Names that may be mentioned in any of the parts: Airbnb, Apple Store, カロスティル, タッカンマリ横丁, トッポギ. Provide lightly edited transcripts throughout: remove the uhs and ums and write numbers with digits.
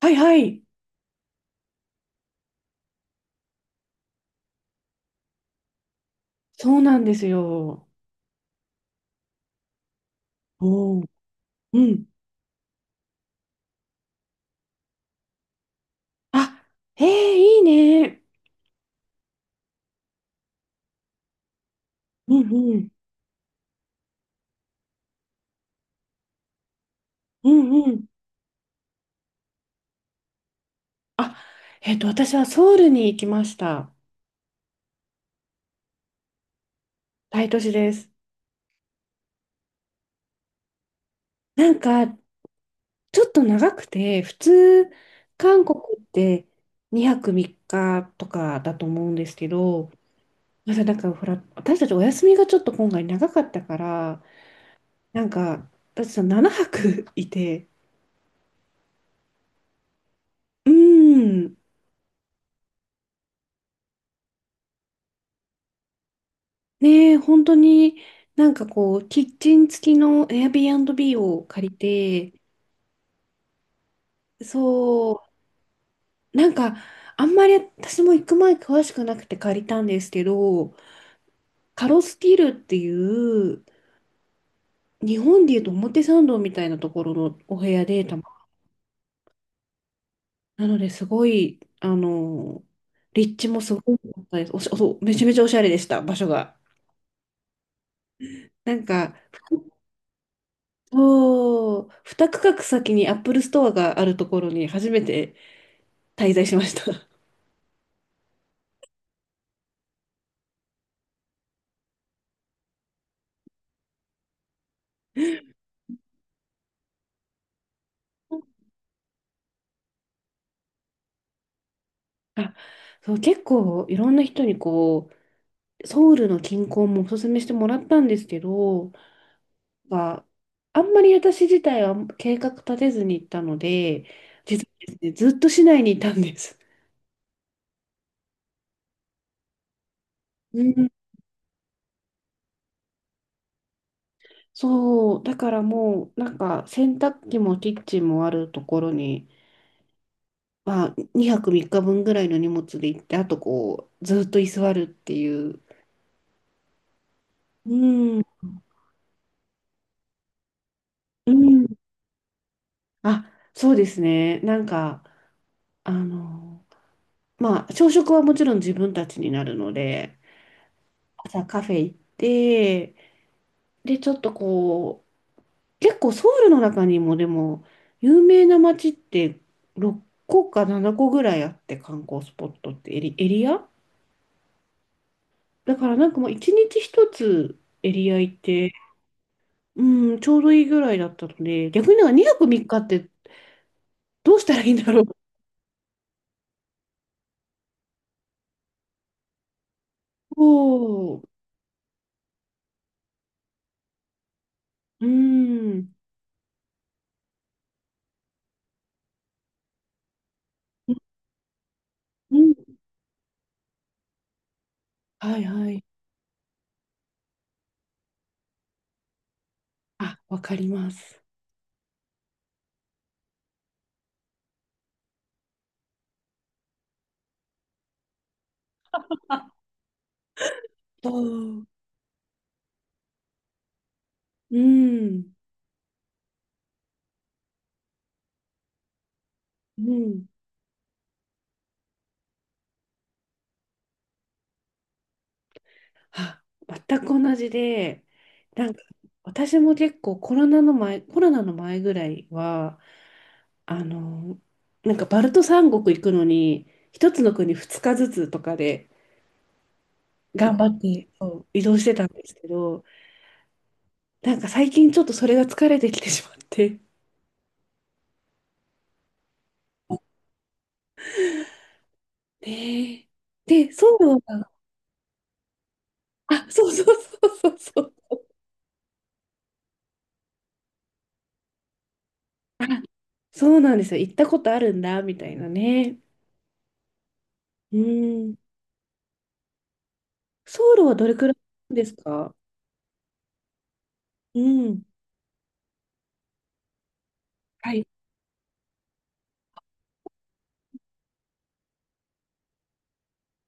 はいはい。そうなんですよ。おお、うん、あ、ええ、いいね。うんうん、うんうん。あ、私はソウルに行きました。大都市です。なんか、ちょっと長くて、普通、韓国って2泊3日とかだと思うんですけど、なんかほら、私たちお休みがちょっと今回長かったから、なんか、私は7泊いて、うーん。ねえ、本当になんかこう、キッチン付きの Airbnb を借りて、そう、なんかあんまり私も行く前詳しくなくて借りたんですけど、カロスティルっていう、日本でいうと表参道みたいなところのお部屋でなのですごい、立地もすごい良かったです。おし、おそうめちゃめちゃおしゃれでした、場所が。なんか、そう、2区画先にアップルストアがあるところに初めて滞在しました。あ、そう、結構いろんな人にこう、ソウルの近郊もおすすめしてもらったんですけど、まあ、あんまり私自体は計画立てずに行ったので、実はですね、ずっと市内にいたんです。うん、そう、だからもう、なんか洗濯機もキッチンもあるところに、まあ、2泊3日分ぐらいの荷物で行って、あとこう、ずっと居座るっていう。うん、うん。あ、そうですね。なんか、あの、まあ、朝食はもちろん自分たちになるので、朝カフェ行って、で、ちょっとこう、結構ソウルの中にもでも、有名な街って6個か7個ぐらいあって、観光スポットってエリアだからなんかもう1日1つエリア行って、うん、ちょうどいいぐらいだったので、逆になんか2泊3日っかってどうしたらいいんだろう。そう、うん、うん、はいはい。あ、わかります。そう、うん、うん。あ、全く同じで、なんか私も結構コロナの前ぐらいは、あの、なんかバルト三国行くのに、一つの国二日ずつとかで頑張ってそう移動してたんですけど、なんか最近ちょっとそれが疲れてきてしまって。ねえ。で、ソウルは、あ、そうそうそうそうそう。あ、そうなんですよ。行ったことあるんだ、みたいなね。うん。ソウルはどれくらいですか？うん。はい。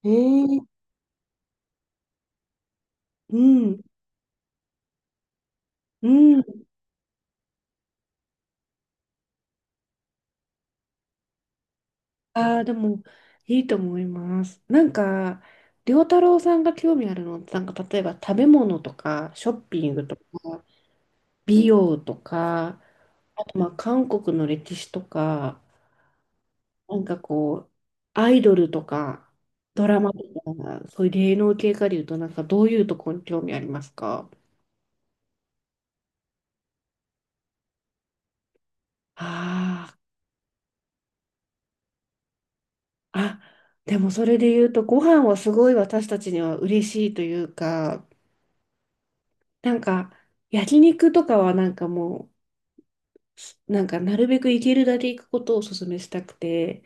ええ、うん、うん。ああ、でも、いいと思います。なんか、良太郎さんが興味あるのって、なんか、例えば食べ物とか、ショッピングとか、美容とか、あと、まあ、韓国の歴史とか、なんかこう、アイドルとか、ドラマとか、そういう芸能系かでいうと、なんか、どういうところに興味ありますか？ああー。あ、でもそれで言うと、ご飯はすごい私たちには嬉しいというか、なんか、焼肉とかはなんかもう、なんかなるべく行けるだけ行くことをお勧めしたくて、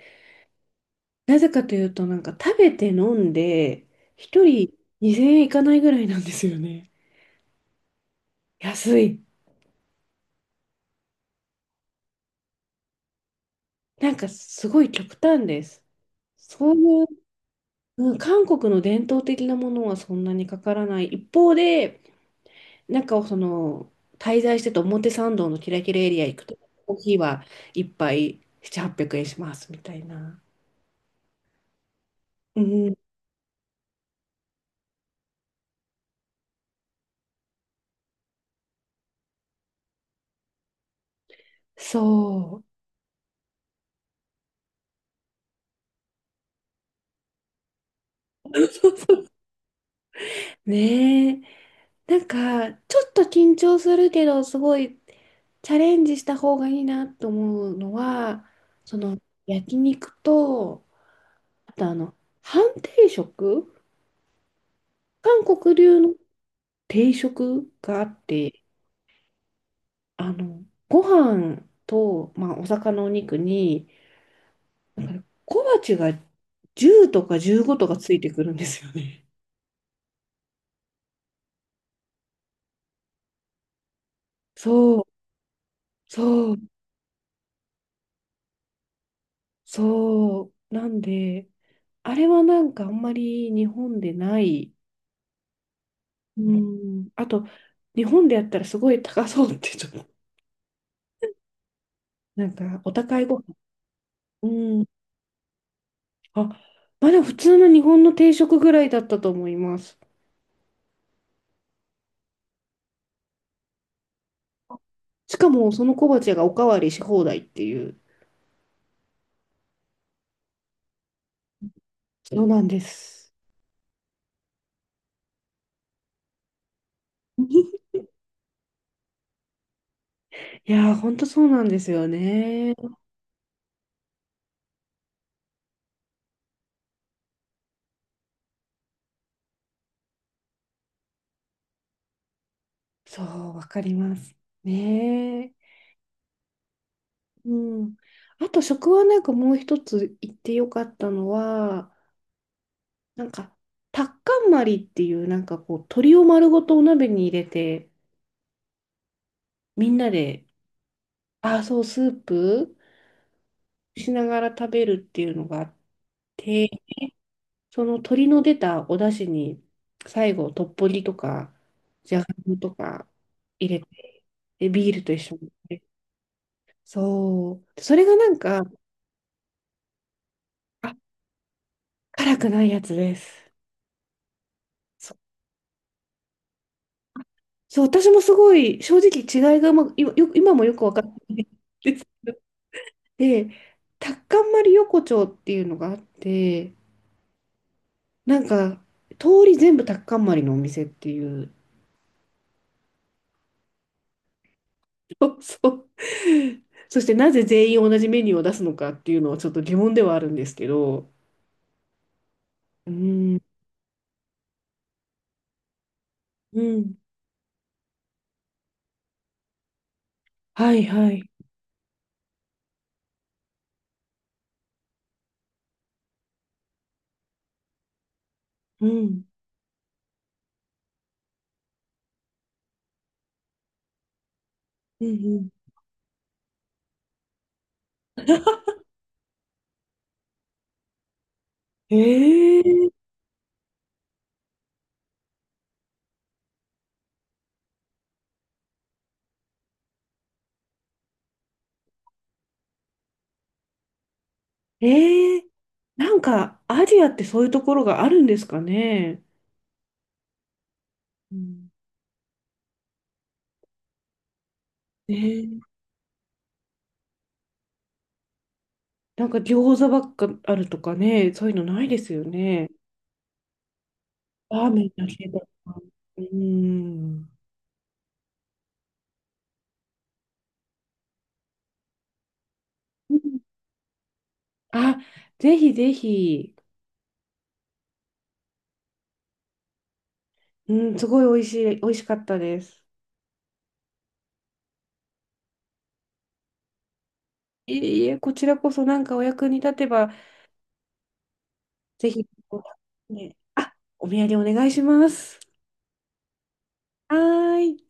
なぜかというと、なんか食べて飲んで、一人2000円いかないぐらいなんですよね。安い。なんかすごい極端です。そういう、うん、韓国の伝統的なものはそんなにかからない。一方で、中を滞在してて表参道のキラキラエリア行くと、コーヒーは一杯7、800円しますみたいな。うん、そう。ねえ。なんか、ちょっと緊張するけど、すごいチャレンジした方がいいなと思うのは、その、焼肉と、あと、半定食、韓国流の定食があって、ご飯と、まあ、お魚のお肉に、だから小鉢が10とか15とかついてくるんですよね。そう、そう、そう。なんで、あれはなんかあんまり日本でない。うん。あと、日本でやったらすごい高そうってちょっと、なんかお高いご飯。うん。あ、まあでも普通の日本の定食ぐらいだったと思います。しかもその小鉢がおかわりし放題っていう。そうなんです。いやー、ほんとそうなんですよね。そう、わかります。ねえ。うん。あと、食はなんかもう一つ言ってよかったのは、なんか、タッカンマリっていう、なんかこう、鶏を丸ごとお鍋に入れて、みんなで、あ、そう、スープしながら食べるっていうのがあって、その鶏の出たお出汁に、最後、トッポギとか、じゃがいもとか入れて、で、ビールと一緒に。そう。それがなんか、あ、辛くないやつです。そそう、私もすごい正直違いがうまく、今もよく分かってないです。で、タッカンマリ横丁っていうのがあって、なんか通り全部タッカンマリのお店っていう、そうそう。そしてなぜ全員同じメニューを出すのかっていうのはちょっと疑問ではあるんですけど、うん、うん、はいはい、うん、うん、うん。えー、えー、なんかアジアってそういうところがあるんですかね。うん。ね、なんか餃子ばっかあるとかね、そういうのないですよね。ラーメンだけだ。うん。うん。あ、ぜひぜひ。うん、すごい美味しかったです。いえいえ、こちらこそなんかお役に立てば、ぜひ、ね、あ、お土産お願いします。はーい。